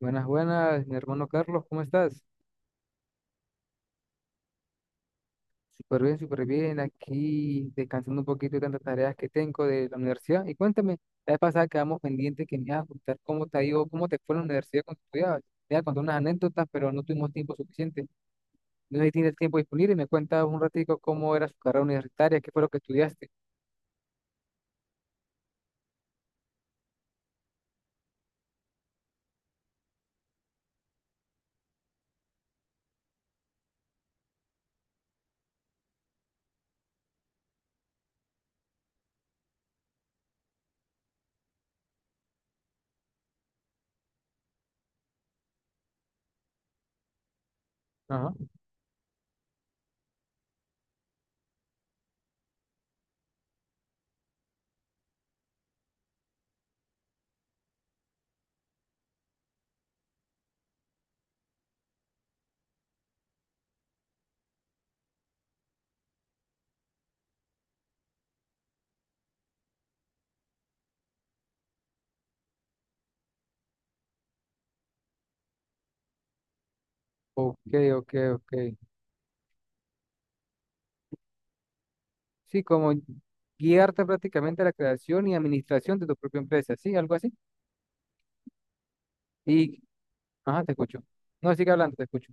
Buenas, buenas, mi hermano Carlos, ¿cómo estás? Súper bien, aquí descansando un poquito de tantas tareas que tengo de la universidad. Y cuéntame, la vez pasada quedamos pendientes que me ibas a contar cómo te ha ido, cómo te fue en la universidad cuando estudiabas. Te iba a contar unas anécdotas, pero no tuvimos tiempo suficiente. No sé si tienes tiempo disponible y me cuentas un ratico cómo era su carrera universitaria, qué fue lo que estudiaste. Ajá. Ok, ok, ok. Sí, como guiarte prácticamente a la creación y administración de tu propia empresa, ¿sí? Algo así. Y, ajá, te escucho. No, sigue hablando, te escucho.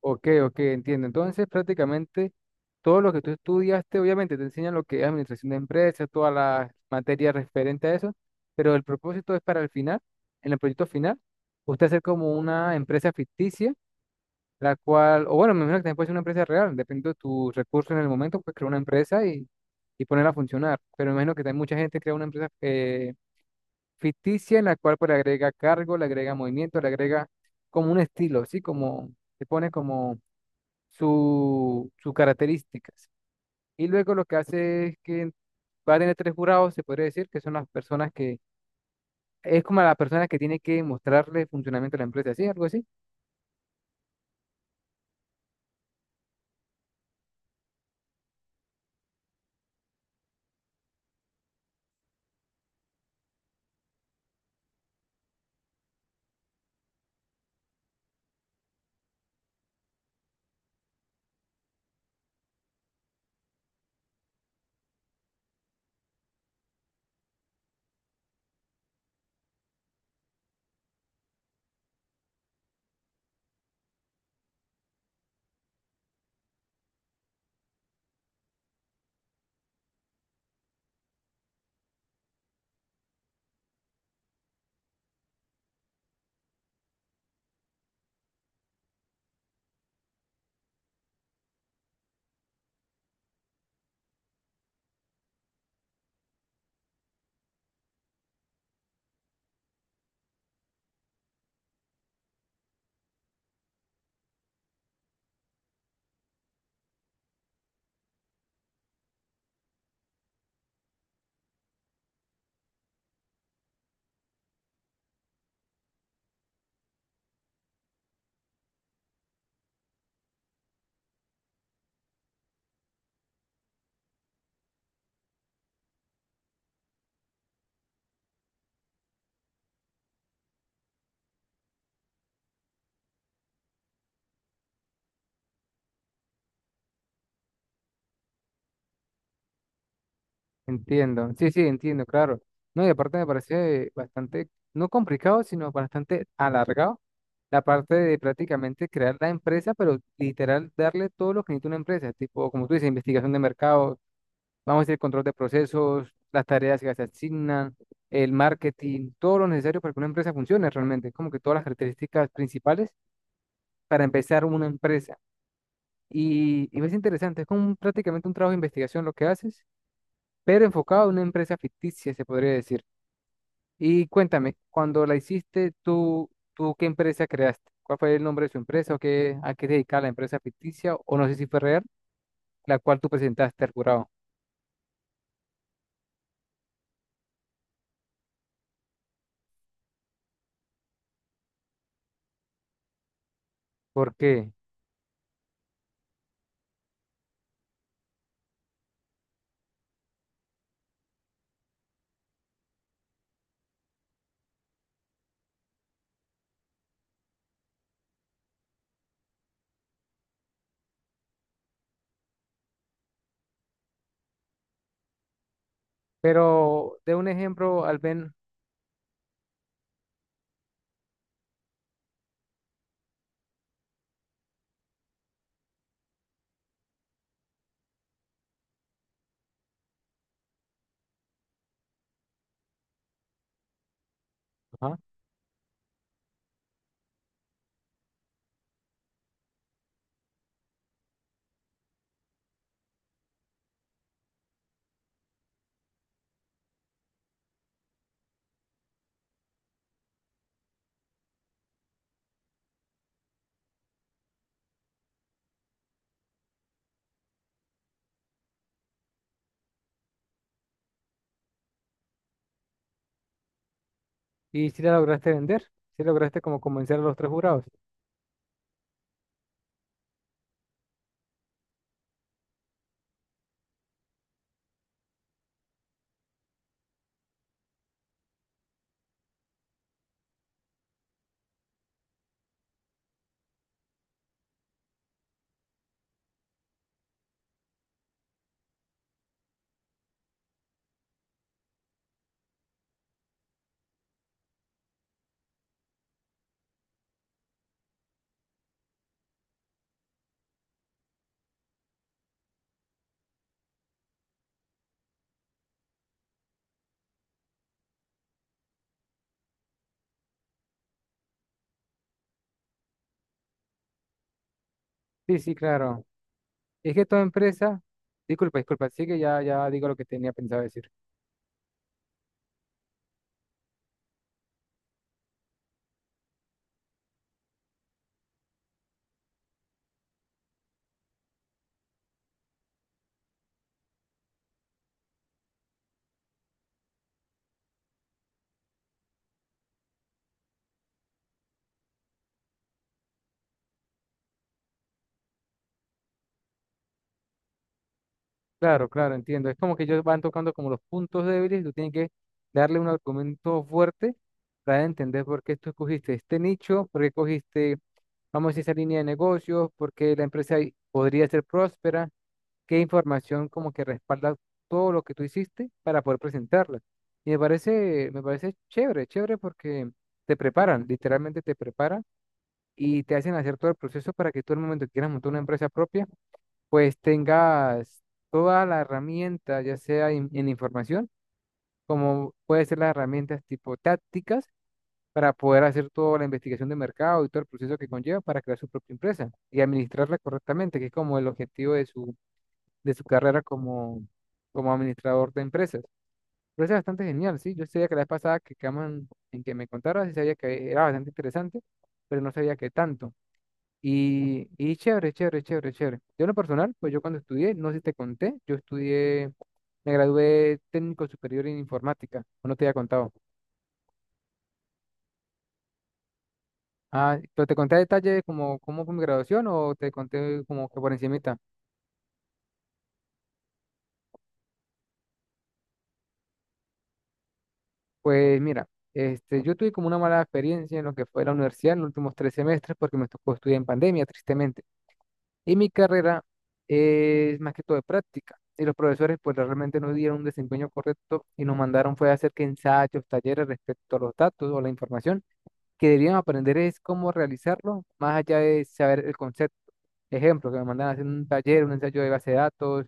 Ok, ok, entiendo. Entonces, prácticamente todo lo que tú estudiaste, obviamente te enseñan lo que es administración de empresas, todas las materias referentes a eso, pero el propósito es para el final, en el proyecto final, usted hacer como una empresa ficticia, la cual, o bueno, me imagino que también puede ser una empresa real, dependiendo de tus recursos en el momento, pues crear una empresa y ponerla a funcionar. Pero me imagino que también mucha gente crea una empresa ficticia en la cual pues le agrega cargo, le agrega movimiento, le agrega como un estilo, ¿sí? Como se pone como sus características. Y luego lo que hace es que va a tener tres jurados, se podría decir, que son las personas que, es como la persona que tiene que mostrarle el funcionamiento de la empresa, ¿sí? Algo así. Entiendo, sí, sí, entiendo, claro. No, y aparte me parece bastante, no complicado, sino bastante alargado, la parte de prácticamente crear la empresa, pero literal darle todo lo que necesita una empresa, tipo, como tú dices, investigación de mercado, vamos a hacer control de procesos, las tareas que se asignan, el marketing, todo lo necesario para que una empresa funcione realmente, como que todas las características principales para empezar una empresa. Y es interesante, es como prácticamente un trabajo de investigación lo que haces, pero enfocado a una empresa ficticia, se podría decir. Y cuéntame, cuando la hiciste, ¿tú qué empresa creaste? ¿Cuál fue el nombre de su empresa o qué, a qué se dedicaba la empresa ficticia? O no sé si fue real, la cual tú presentaste al jurado. ¿Por qué? Pero de un ejemplo, al ver. Ajá. ¿Y si la lograste vender? ¿Si lograste como convencer a los tres jurados? Sí, sí, claro. Es que toda empresa, disculpa, disculpa, sí que ya, ya digo lo que tenía pensado decir. Claro, claro, entiendo. Es como que ellos van tocando como los puntos débiles y tú tienes que darle un argumento fuerte para entender por qué tú escogiste este nicho, por qué cogiste, vamos a decir, esa línea de negocios, por qué la empresa podría ser próspera. Qué información como que respalda todo lo que tú hiciste para poder presentarla. Y me parece chévere, chévere porque te preparan, literalmente te preparan y te hacen hacer todo el proceso para que tú el momento que quieras montar una empresa propia, pues tengas toda la herramienta, ya sea en información, como puede ser las herramientas tipo tácticas para poder hacer toda la investigación de mercado y todo el proceso que conlleva para crear su propia empresa y administrarla correctamente, que es como el objetivo de su carrera como, como administrador de empresas. Pero es bastante genial, ¿sí? Yo sabía que la vez pasada que quedaban en que me contaras, sí sabía que era bastante interesante, pero no sabía que tanto. Y chévere, chévere, chévere, chévere. Yo en lo personal, pues yo cuando estudié, no sé si te conté, yo estudié, me gradué técnico superior en informática, o no te había contado. Ah, pero te conté a detalle como cómo fue mi graduación o te conté como que por encimita. Pues mira, este, yo tuve como una mala experiencia en lo que fue la universidad en los últimos tres semestres porque me tocó estudiar en pandemia, tristemente. Y mi carrera es más que todo de práctica. Y los profesores pues realmente no dieron un desempeño correcto y nos mandaron fue a hacer que ensayos, talleres respecto a los datos o la información que deberían aprender es cómo realizarlo, más allá de saber el concepto. Ejemplo, que me mandaban a hacer un taller, un ensayo de base de datos,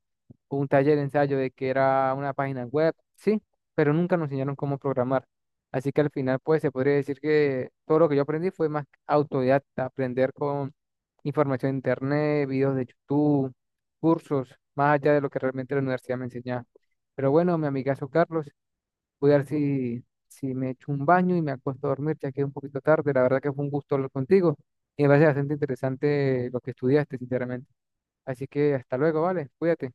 un taller de ensayo de que era una página web, sí, pero nunca nos enseñaron cómo programar. Así que al final, pues se podría decir que todo lo que yo aprendí fue más autodidacta, aprender con información de internet, videos de YouTube, cursos, más allá de lo que realmente la universidad me enseñaba. Pero bueno, mi amigazo Carlos, voy a ver si me echo un baño y me acuesto a dormir, ya que es un poquito tarde. La verdad que fue un gusto hablar contigo y me parece bastante interesante lo que estudiaste, sinceramente. Así que hasta luego, ¿vale? Cuídate.